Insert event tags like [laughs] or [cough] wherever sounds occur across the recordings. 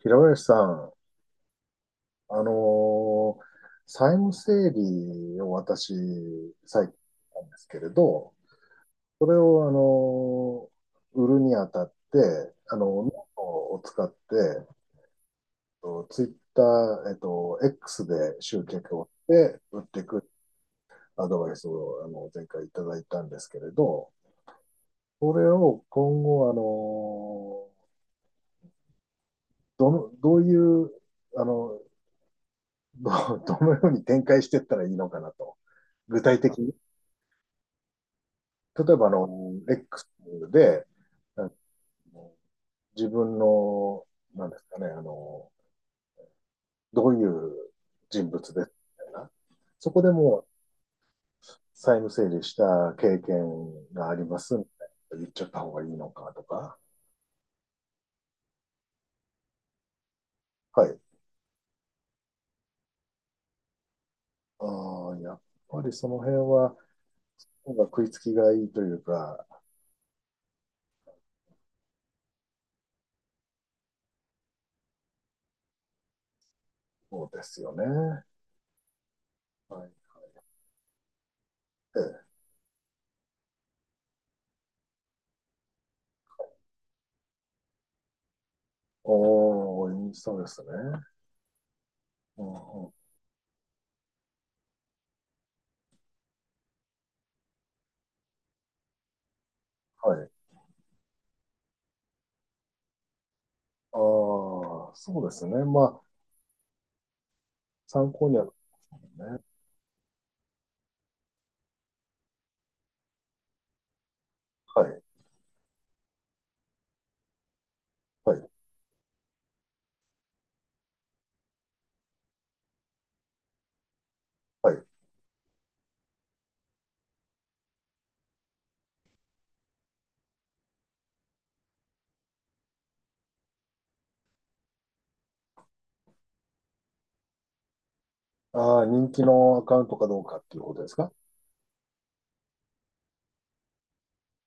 平林さん、あのー債務整理を私、最近なんですけれど、それを、売るにあたって、ノートを使って、ツイッター、X で集客をして、売っていくアドバイスを、前回いただいたんですけれど、それを今後、どの、どういう、あの、どう [laughs] どのように展開していったらいいのかなと。具体的に。例えば、X で、あの自分の、なんですかね、どういう人物でみたいな。そこでもう債務整理した経験がありますみたいな言っちゃった方がいいのかとか。はい。ああ、やっぱりその辺は、なんか食いつきがいいというか、そうですよね。はい。ええ。おー、そうですね。うんうん。はい。ああ、そうですね。まあ、参考には、ね。はい。はい。はい。ああ、人気のアカウントかどうかっていうことですか？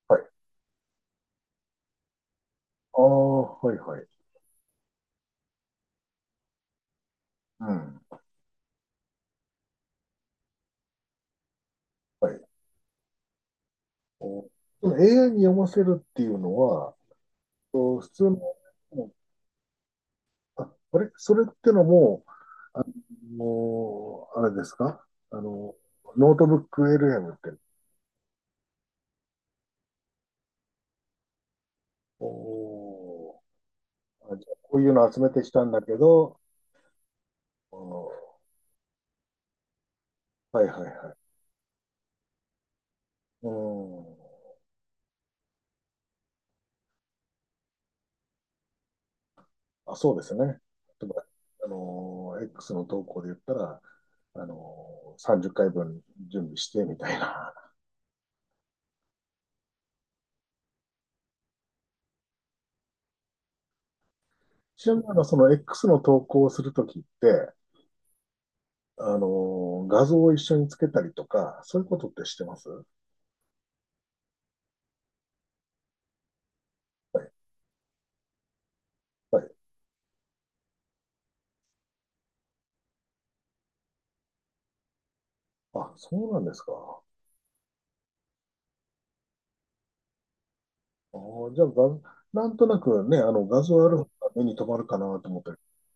はい。ああ、はい、はい。うん。はい。お、その AI に読ませるっていうのは、お普通の、もうあ、あれそれってのも、もう、あれですか？あの、ノートブック LM って、おー、あ、じゃあこういうの集めてきたんだけど、おー、はいはいはい。うん。あ、そうですね。例えば、X の投稿で言ったら、30回分準備してみたいな。[laughs] ちなみに、その X の投稿をするときって、あの画像を一緒につけたりとか、そういうことってしてますはい。はい。あ、そうなんですか。あーじゃあが、画なんとなくね、画像ある方が目に留まるかなと思って、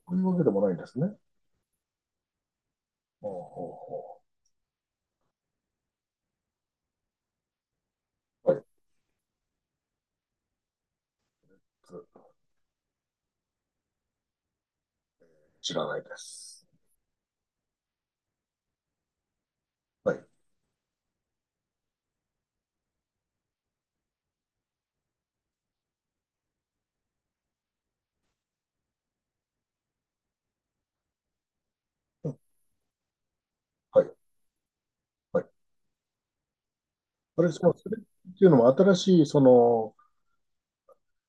そういうわけでもないんですね。ほうほうほう。はい。つ知らないです。はい。うん。はい。はい。あれ、そのそれっていうのも新しい、その、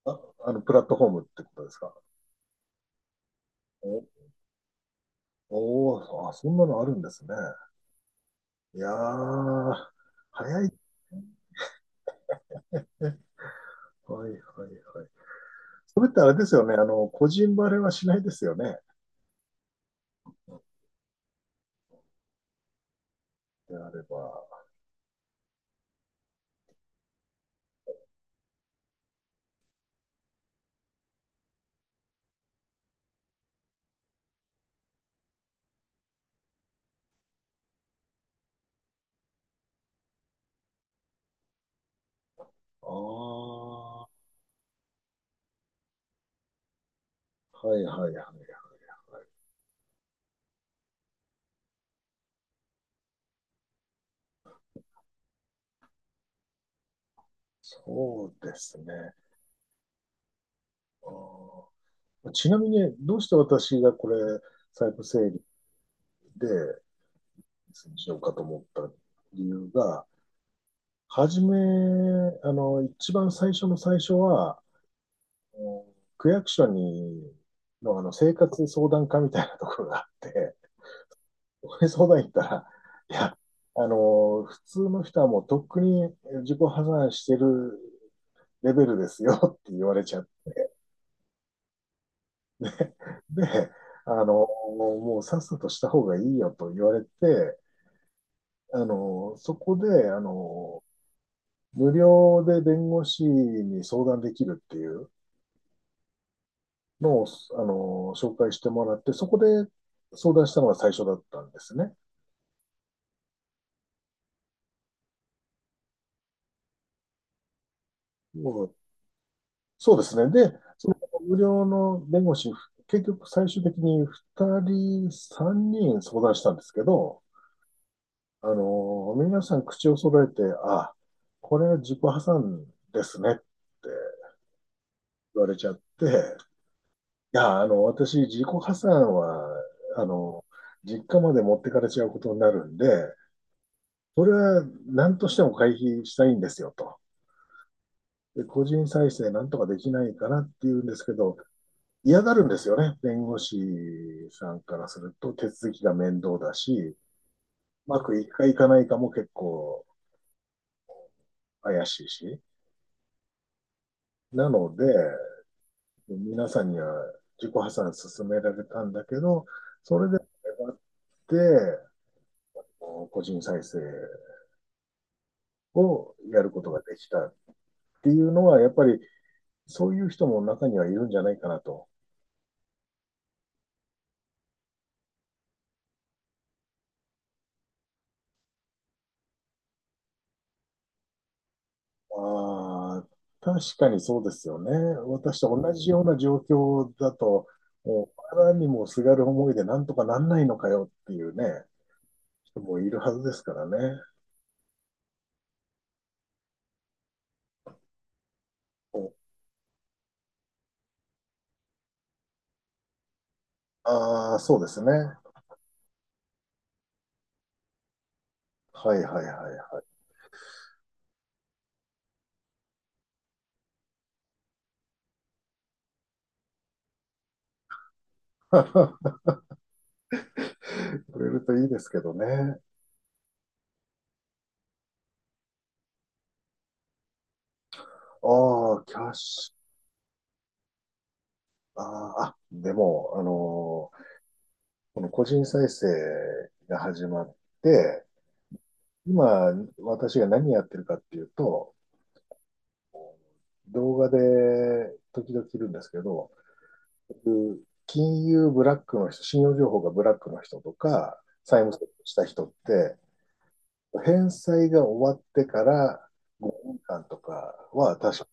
あ、プラットフォームってことですか？お、おーあ、そんなのあるんですね。いやー、早い。はいはいはい。それってあれですよね。個人バレはしないですよね。であれば。ああ、はいはいはいはい。そうですね。あー、ちなみに、どうして私がこれ、イ部整理でにしようかと思った理由が、はじめ、一番最初の最初は、あの区役所に、の、あの、生活相談課みたいなところがあって、そこに相談行ったら、いや、普通の人はもうとっくに自己破産してるレベルですよって言われちゃって、あの、もうさっさとした方がいいよと言われて、そこで、無料で弁護士に相談できるっていう、のを、紹介してもらって、そこで相談したのが最初だったんですね。もうそうですね。で、その無料の弁護士、結局最終的に2人、3人相談したんですけど、皆さん口を揃えて、あ、これは自己破産ですねって言われちゃって、いや、私、自己破産は、あの、実家まで持ってかれちゃうことになるんで、それは何としても回避したいんですよと。で個人再生なんとかできないかなっていうんですけど、嫌がるんですよね。弁護士さんからすると手続きが面倒だし、うまくいくかいかないかも結構怪しいし。なので、皆さんには自己破産勧められたんだけど、それで粘って、個人再生をやることができたっていうのは、やっぱりそういう人も中にはいるんじゃないかなと。ああ、確かにそうですよね。私と同じような状況だと、もう、あらにもすがる思いでなんとかなんないのかよっていうね、人もいるはずですからね。おああ、そうですね。はいはいはいはい。[laughs] くれるといいですけどね。ああ、キャッシュ。あーあ、でも、この個人再生が始まって、今、私が何やってるかっていうと、動画で時々いるんですけど、金融ブラックの人、信用情報がブラックの人とか、債務設定した人って、返済が終わってから5年間とかは確か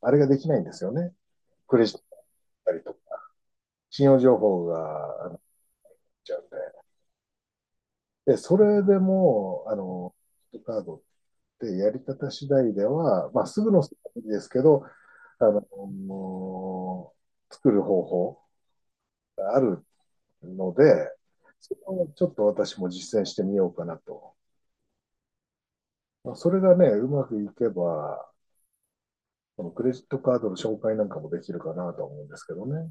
あれができないんですよね。クレジットだったりとか、信用情報がちゃうんで。で、それでも、クレジットカードってやり方次第では、まあ、すぐのすぐですけど、あの、作る方法があるので、それをちょっと私も実践してみようかなと。まあ、それがね、うまくいけば、このクレジットカードの紹介なんかもできるかなと思うんですけどね。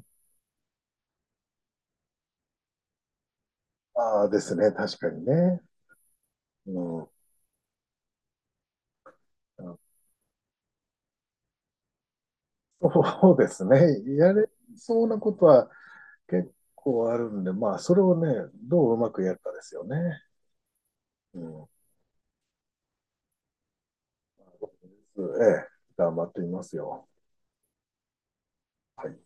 ああですね、確かにね。うん、そう [laughs] ですね。やれそうなことは結構あるんで、まあ、それをね、どううまくやるかですよね。うん、ええ、頑張ってみますよ。はい。